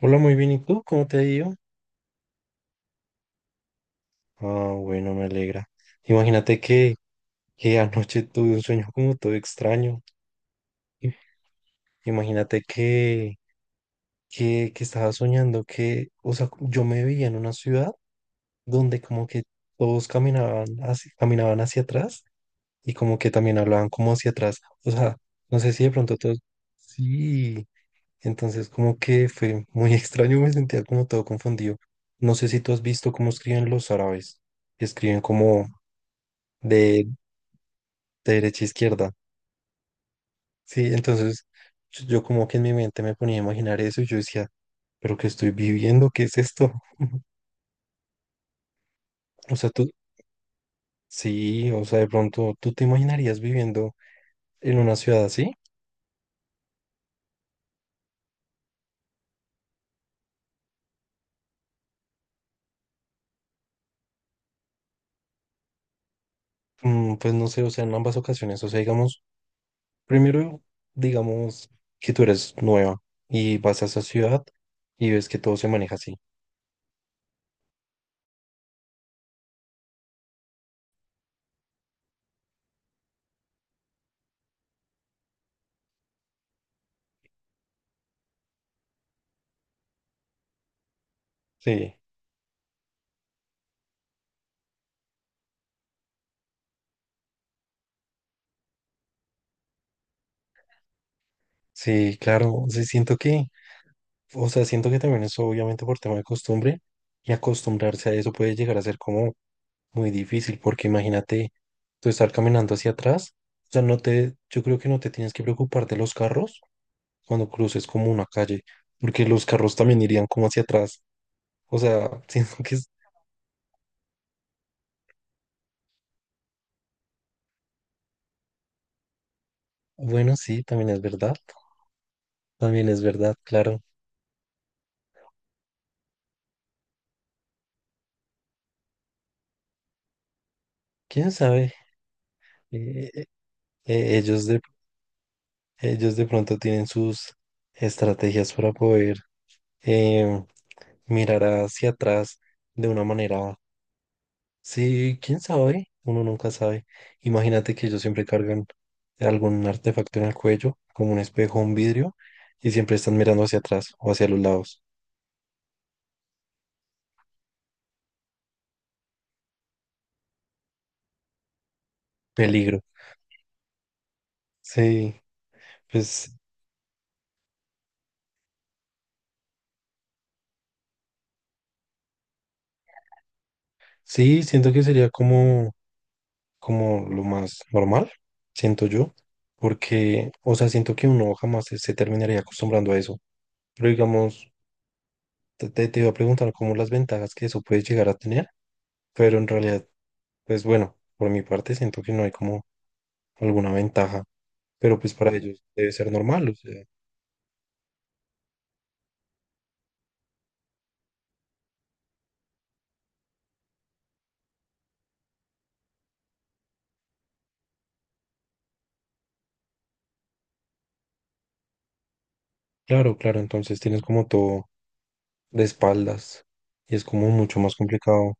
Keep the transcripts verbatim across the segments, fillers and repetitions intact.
Hola, muy bien. ¿Y tú? ¿Cómo te ha ido? Ah, bueno, me alegra. Imagínate que, que anoche tuve un sueño como todo extraño. I- Imagínate que, que, que estaba soñando que, o sea, yo me veía en una ciudad donde como que todos caminaban hacia, caminaban hacia atrás y como que también hablaban como hacia atrás. O sea, no sé si de pronto todos... Sí, entonces como que fue muy extraño, me sentía como todo confundido. No sé si tú has visto cómo escriben los árabes. Que Escriben como de, de derecha a izquierda. Sí, entonces yo, yo como que en mi mente me ponía a imaginar eso y yo decía, pero ¿qué estoy viviendo? ¿Qué es esto? O sea, tú, sí, o sea, de pronto tú te imaginarías viviendo en una ciudad así. Mm, pues no sé, o sea, en ambas ocasiones, o sea, digamos, primero, digamos que tú eres nueva y vas a esa ciudad y ves que todo se maneja así. Sí, sí, claro, sí, siento que, o sea, siento que también eso obviamente por tema de costumbre y acostumbrarse a eso puede llegar a ser como muy difícil porque imagínate tú estar caminando hacia atrás, o sea, no te, yo creo que no te tienes que preocupar de los carros cuando cruces como una calle, porque los carros también irían como hacia atrás, o sea, siento que es, bueno, sí, también es verdad, también es verdad, claro, quién sabe, Eh, eh, eh, ellos de, ellos de pronto tienen sus estrategias para poder eh, mirar hacia atrás de una manera Sí, quién sabe, uno nunca sabe. Imagínate que ellos siempre cargan algún artefacto en el cuello, como un espejo o un vidrio, y siempre están mirando hacia atrás o hacia los lados. Peligro. Sí, pues sí, siento que sería como, como lo más normal, siento yo, porque, o sea, siento que uno jamás se, se terminaría acostumbrando a eso. Pero digamos, te, te te iba a preguntar como las ventajas que eso puede llegar a tener, pero en realidad, pues bueno, por mi parte siento que no hay como alguna ventaja, pero pues para ellos debe ser normal, o sea, claro, claro, entonces tienes como todo de espaldas y es como mucho más complicado.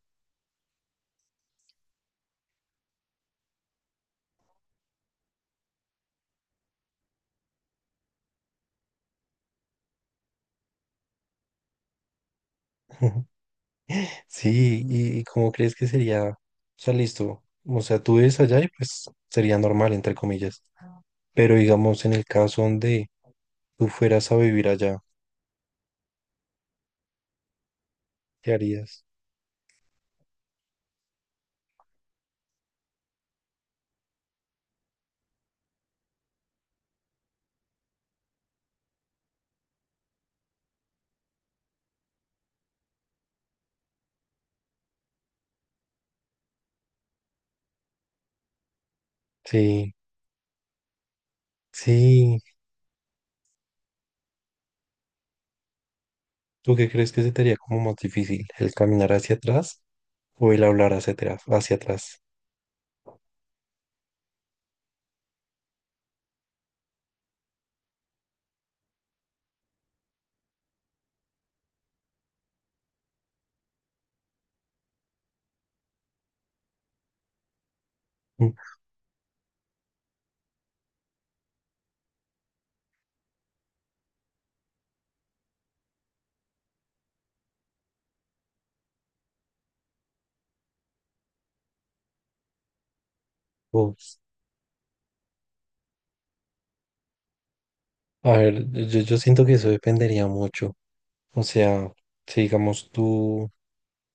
Sí, y, y cómo crees que sería, o sea, listo, o sea, tú ves allá y pues sería normal, entre comillas, pero digamos en el caso donde tú fueras a vivir allá, ¿qué harías? Sí, sí, ¿tú qué crees que se te haría como más difícil, el caminar hacia atrás o el hablar hacia atrás, hacia atrás? A ver, yo, yo siento que eso dependería mucho. O sea, si digamos tú,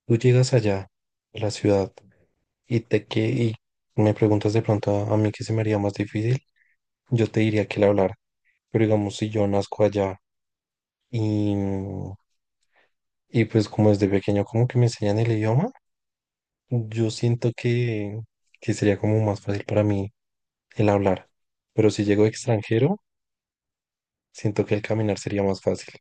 tú llegas allá, a la ciudad, y te que y me preguntas de pronto a, a mí qué se me haría más difícil, yo te diría que el hablar. Pero digamos, si yo nazco allá y, y pues como desde pequeño como que me enseñan el idioma, yo siento que, que sería como más fácil para mí el hablar. Pero si llego extranjero, siento que el caminar sería más fácil.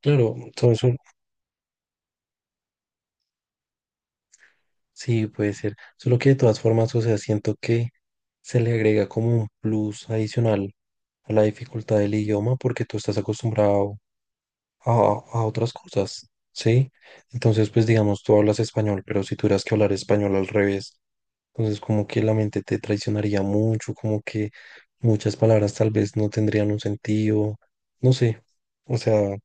Claro, son, son- Sí, puede ser. Solo que de todas formas, o sea, siento que se le agrega como un plus adicional a la dificultad del idioma porque tú estás acostumbrado a, a otras cosas, ¿sí? Entonces, pues digamos, tú hablas español, pero si tuvieras que hablar español al revés, entonces como que la mente te traicionaría mucho, como que muchas palabras tal vez no tendrían un sentido, no sé, o sea,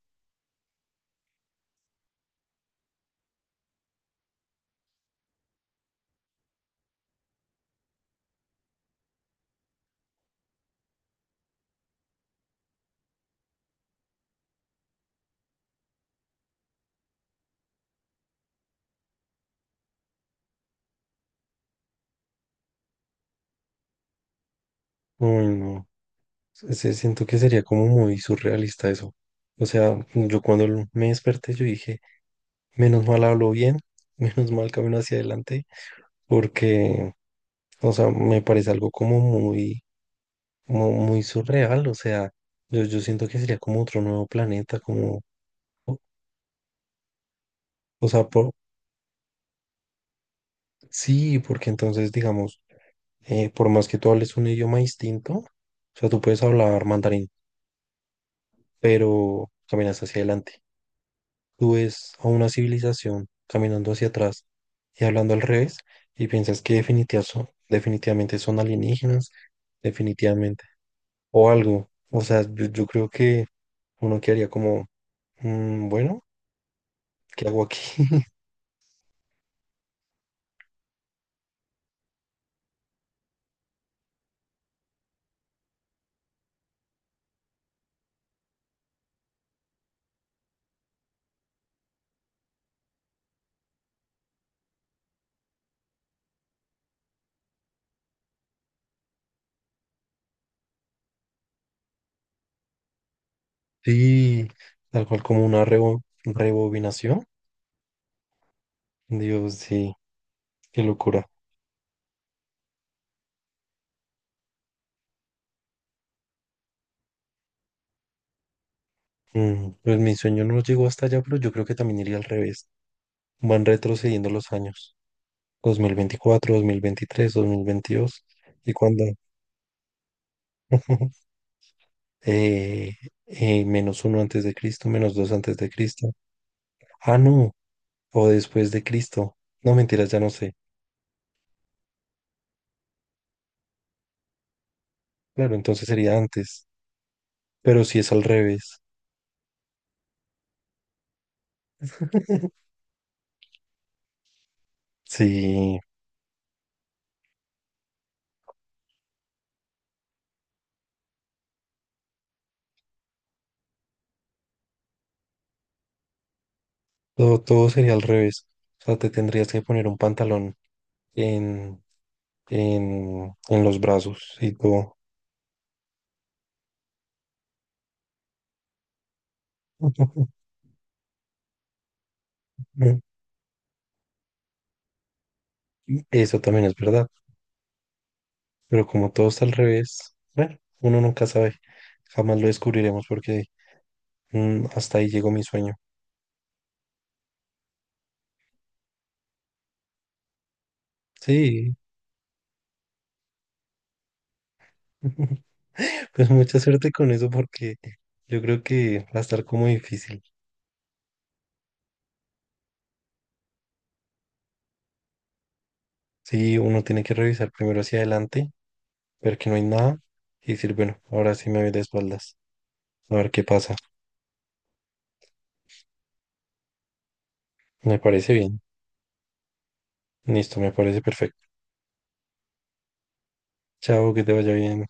uy, no. se- siento que sería como muy surrealista eso. O sea, yo cuando lo- me desperté, yo dije, menos mal hablo bien, menos mal camino hacia adelante, porque, o sea, me parece algo como muy, como muy surreal. O sea, yo, yo siento que sería como otro nuevo planeta, como, o o sea, por, sí, porque entonces, digamos, eh, por más que tú hables un idioma distinto, o sea, tú puedes hablar mandarín, pero caminas hacia adelante. Tú ves a una civilización caminando hacia atrás y hablando al revés y piensas que definitiva son- definitivamente son alienígenas, definitivamente, o algo. O sea, yo, yo creo que uno quedaría como, "Mm, bueno, ¿qué hago aquí?" Sí, tal cual como una rebo- rebobinación. Dios, sí, qué locura. Mm, pues mi sueño no llegó hasta allá, pero yo creo que también iría al revés. Van retrocediendo los años, dos dos mil mil veinticuatro, dos mil veintitrés, dos mil veintidós y cuando... eh, eh, menos uno antes de Cristo, menos dos antes de Cristo. Ah, no, o después de Cristo. No, mentiras, ya no sé. Claro, entonces sería antes, pero si es al revés. Sí, todo, todo sería al revés. O sea, te tendrías que poner un pantalón en, en, en los brazos y todo. Eso también es verdad, pero como todo está al revés, bueno, uno nunca sabe. Jamás lo descubriremos porque mm, hasta ahí llegó mi sueño. Sí, Pues mucha suerte con eso porque yo creo que va a estar como difícil. Sí, uno tiene que revisar primero hacia adelante, ver que no hay nada y decir, bueno, ahora sí me voy de espaldas, a ver qué pasa. Me parece bien. Listo, me parece perfecto. Chao, que te vaya bien.